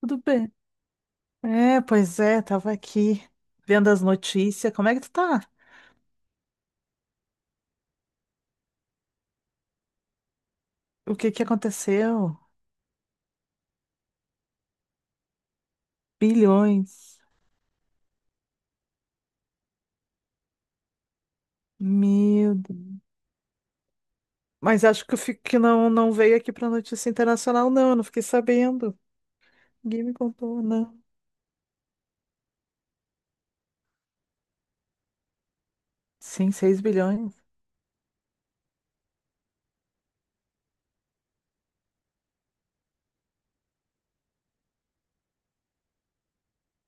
Tudo bem. É, pois é, tava aqui vendo as notícias. Como é que tu tá? O que que aconteceu? Bilhões. Meu Deus. Mas acho que eu fico que não, não veio aqui pra notícia internacional, não. Eu não fiquei sabendo. Ninguém me contou, não. Sim, seis bilhões.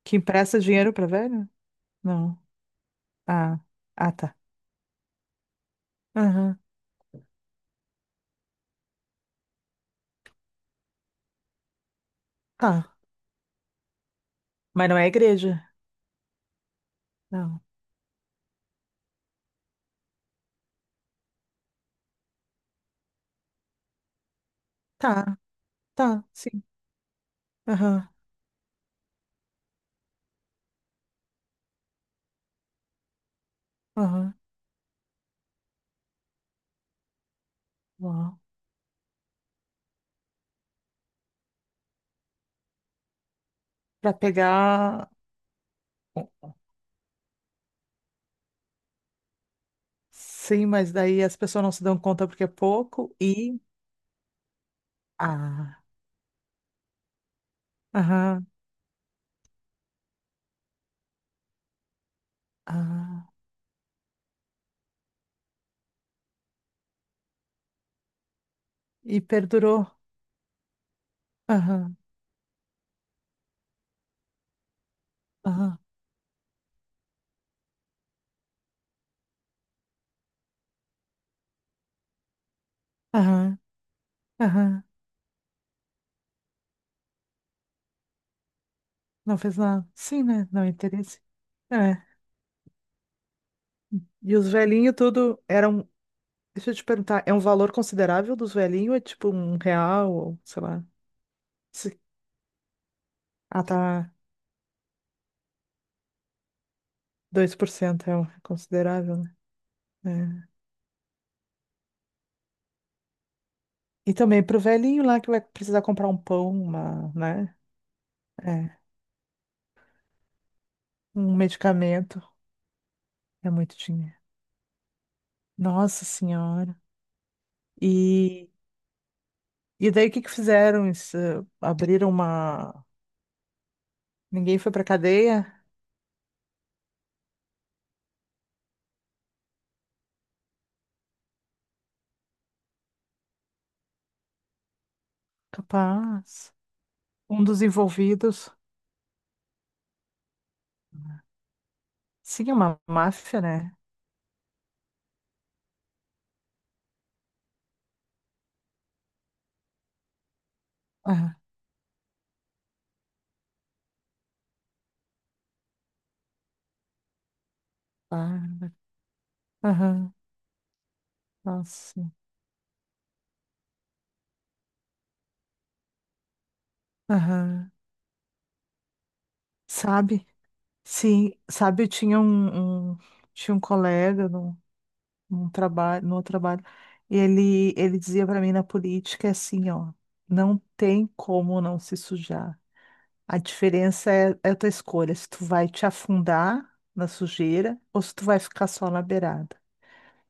Que empresta dinheiro pra velho? Não. Ah, ah, tá. Aham. Tá. Mas não é igreja? Não. Tá, tá, sim. Aham, aham. Uau. Pra pegar. Sim, mas daí as pessoas não se dão conta porque é pouco e. Ah, aham, ah. E perdurou. Aham, aham, aham, aham. Não fez nada. Sim, né? Não é interesse. É. E os velhinhos tudo eram. Deixa eu te perguntar, é um valor considerável dos velhinhos? Ou é tipo um real, ou sei lá. Se- Ah, tá. 2% é considerável, né? É. E também pro velhinho lá que vai precisar comprar um pão, uma, né? É. Um medicamento. É muito dinheiro. Nossa Senhora. E, e daí o que que fizeram? Isso, abriram uma. Ninguém foi pra cadeia? Capaz. Um dos envolvidos. Sim, é uma máfia, né? Aham, ah, aham, nossa. Aham. Sabe? Sim, sabe, eu tinha um colega num trabalho, no outro trabalho, e ele dizia pra mim na política é assim, ó, não tem como não se sujar. A diferença é a tua escolha, se tu vai te afundar na sujeira ou se tu vai ficar só na beirada.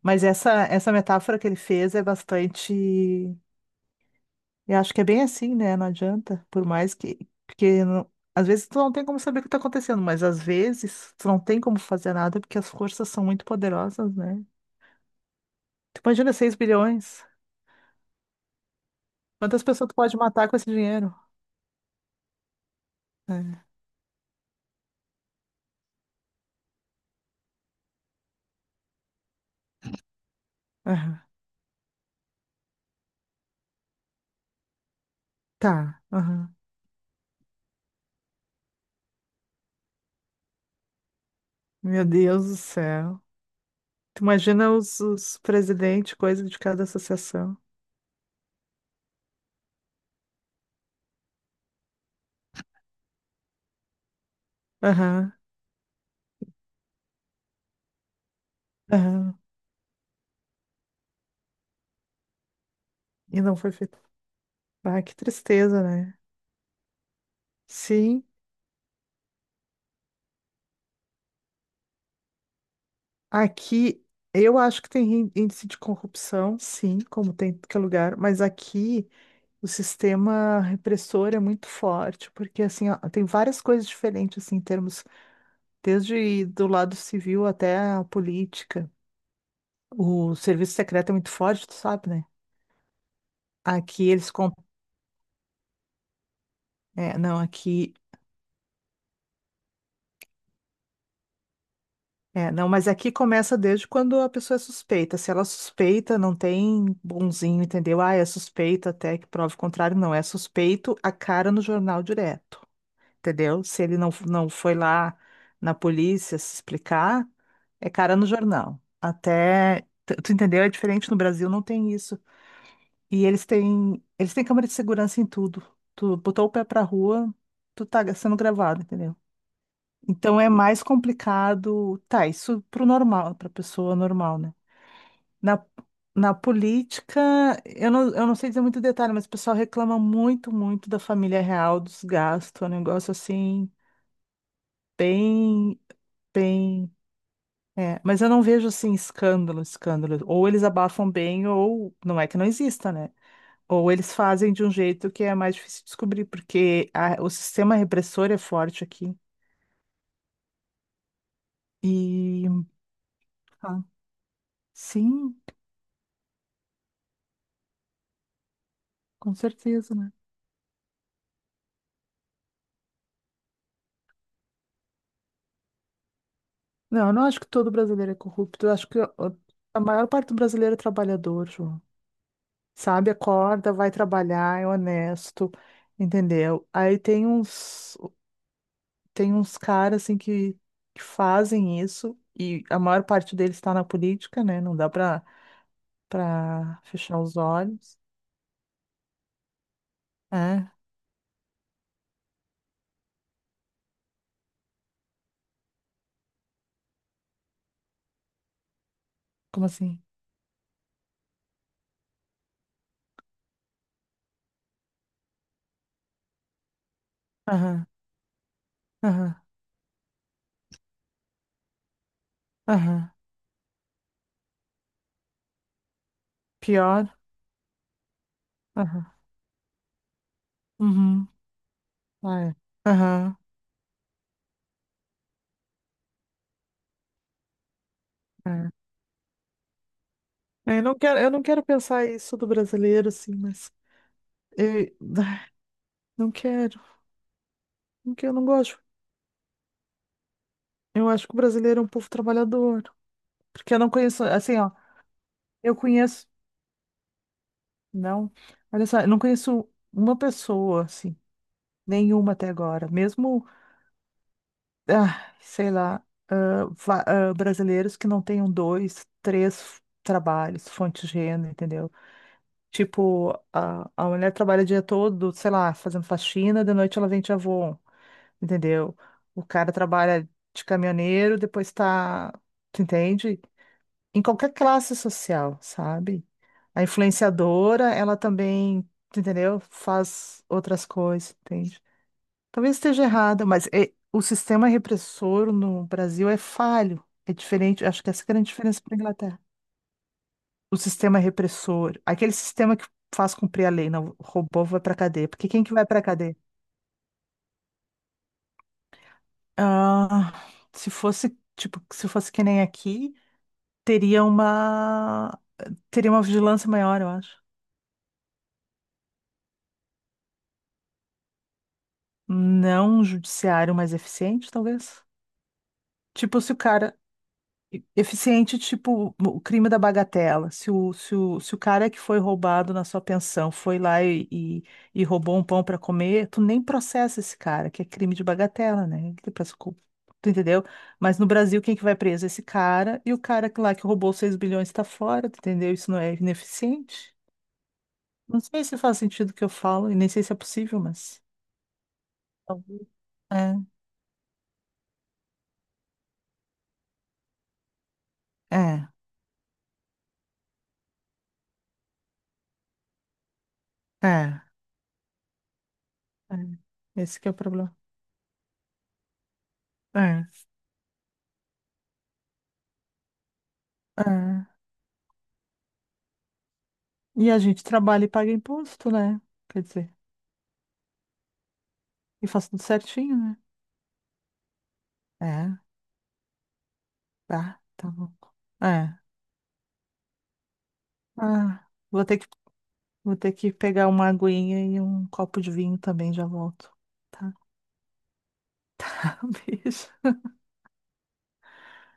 Mas essa metáfora que ele fez é bastante. Eu acho que é bem assim, né? Não adianta. Por mais que. Porque às vezes tu não tem como saber o que tá acontecendo, mas às vezes tu não tem como fazer nada porque as forças são muito poderosas, né? Tu imagina 6 bilhões. Quantas pessoas tu pode matar com esse dinheiro? É. Aham. Tá. Aham. Meu Deus do céu. Tu imagina os presidentes, coisa de cada associação. Aham, aham. E não foi feito. Ah, que tristeza, né? Sim, aqui eu acho que tem índice de corrupção, sim, como tem em qualquer lugar, mas aqui o sistema repressor é muito forte, porque assim, ó, tem várias coisas diferentes assim, em termos, desde do lado civil até a política. O serviço secreto é muito forte, tu sabe, né? Aqui eles com... É, não, aqui. É, não, mas aqui começa desde quando a pessoa é suspeita. Se ela é suspeita, não tem bonzinho, entendeu? Ah, é suspeita até que prove o contrário. Não, é suspeito a cara no jornal direto, entendeu? Se ele não foi lá na polícia se explicar, é cara no jornal. Até, tu entendeu? É diferente no Brasil, não tem isso. E eles têm câmera de segurança em tudo. Tu botou o pé pra rua, tu tá sendo gravado, entendeu? Então é mais complicado. Tá, isso pro normal, pra pessoa normal, né? Na, na política, eu não sei dizer muito detalhe, mas o pessoal reclama muito, muito da família real, dos gastos, é um negócio assim, bem, bem. É, mas eu não vejo assim escândalo, escândalo. Ou eles abafam bem, ou não é que não exista, né? Ou eles fazem de um jeito que é mais difícil de descobrir, porque o sistema repressor é forte aqui. E ah, sim, com certeza, né? Não, eu não acho que todo brasileiro é corrupto. Eu acho que a maior parte do brasileiro é trabalhador, João. Sabe, acorda, vai trabalhar, é honesto, entendeu? Aí tem uns, caras assim que fazem isso e a maior parte deles está na política, né? Não dá pra fechar os olhos. É? Como assim? Aham, aham, aham. Pior? Aham. Uhum. Ah, é. Aham. É. Eu não quero pensar isso do brasileiro, assim, mas. Eu, ai, não quero, não quero, não gosto. Eu acho que o brasileiro é um povo trabalhador. Porque eu não conheço, assim, ó, eu conheço, não, olha só, eu não conheço uma pessoa, assim, nenhuma até agora. Mesmo, ah, sei lá, ah, ah, brasileiros que não tenham dois, três trabalhos, fonte de renda, entendeu? Tipo, a mulher trabalha o dia todo, sei lá, fazendo faxina, de noite ela vende avô. Entendeu? O cara trabalha de caminhoneiro, depois tá, tu entende? Em qualquer classe social, sabe? A influenciadora, ela também, tu entendeu? Faz outras coisas, entende? Talvez esteja errada, mas o sistema repressor no Brasil é falho, é diferente, acho que essa é a grande diferença para a Inglaterra. O sistema repressor, aquele sistema que faz cumprir a lei, não, o robô vai para cadeia, porque quem que vai para cadeia? Ah, se fosse, tipo, se fosse que nem aqui, teria uma teria uma vigilância maior, eu acho. Não, um judiciário mais eficiente, talvez. Tipo, se o cara eficiente, tipo, o crime da bagatela. Se o, cara que foi roubado na sua pensão foi lá e roubou um pão para comer, tu nem processa esse cara, que é crime de bagatela, né? Tu entendeu? Mas no Brasil, quem que vai preso? Esse cara e o cara que lá que roubou 6 bilhões tá fora, tu entendeu? Isso não é ineficiente? Não sei se faz sentido o que eu falo e nem sei se é possível, mas. Talvez. É, é, é, é. Esse que é o problema. É, é. E a gente trabalha e paga imposto, né? Quer dizer, e faz tudo certinho, né? É, tá, tá bom. É. Ah, vou ter que, vou ter que, pegar uma aguinha e um copo de vinho também, já volto. Tá? Beijo.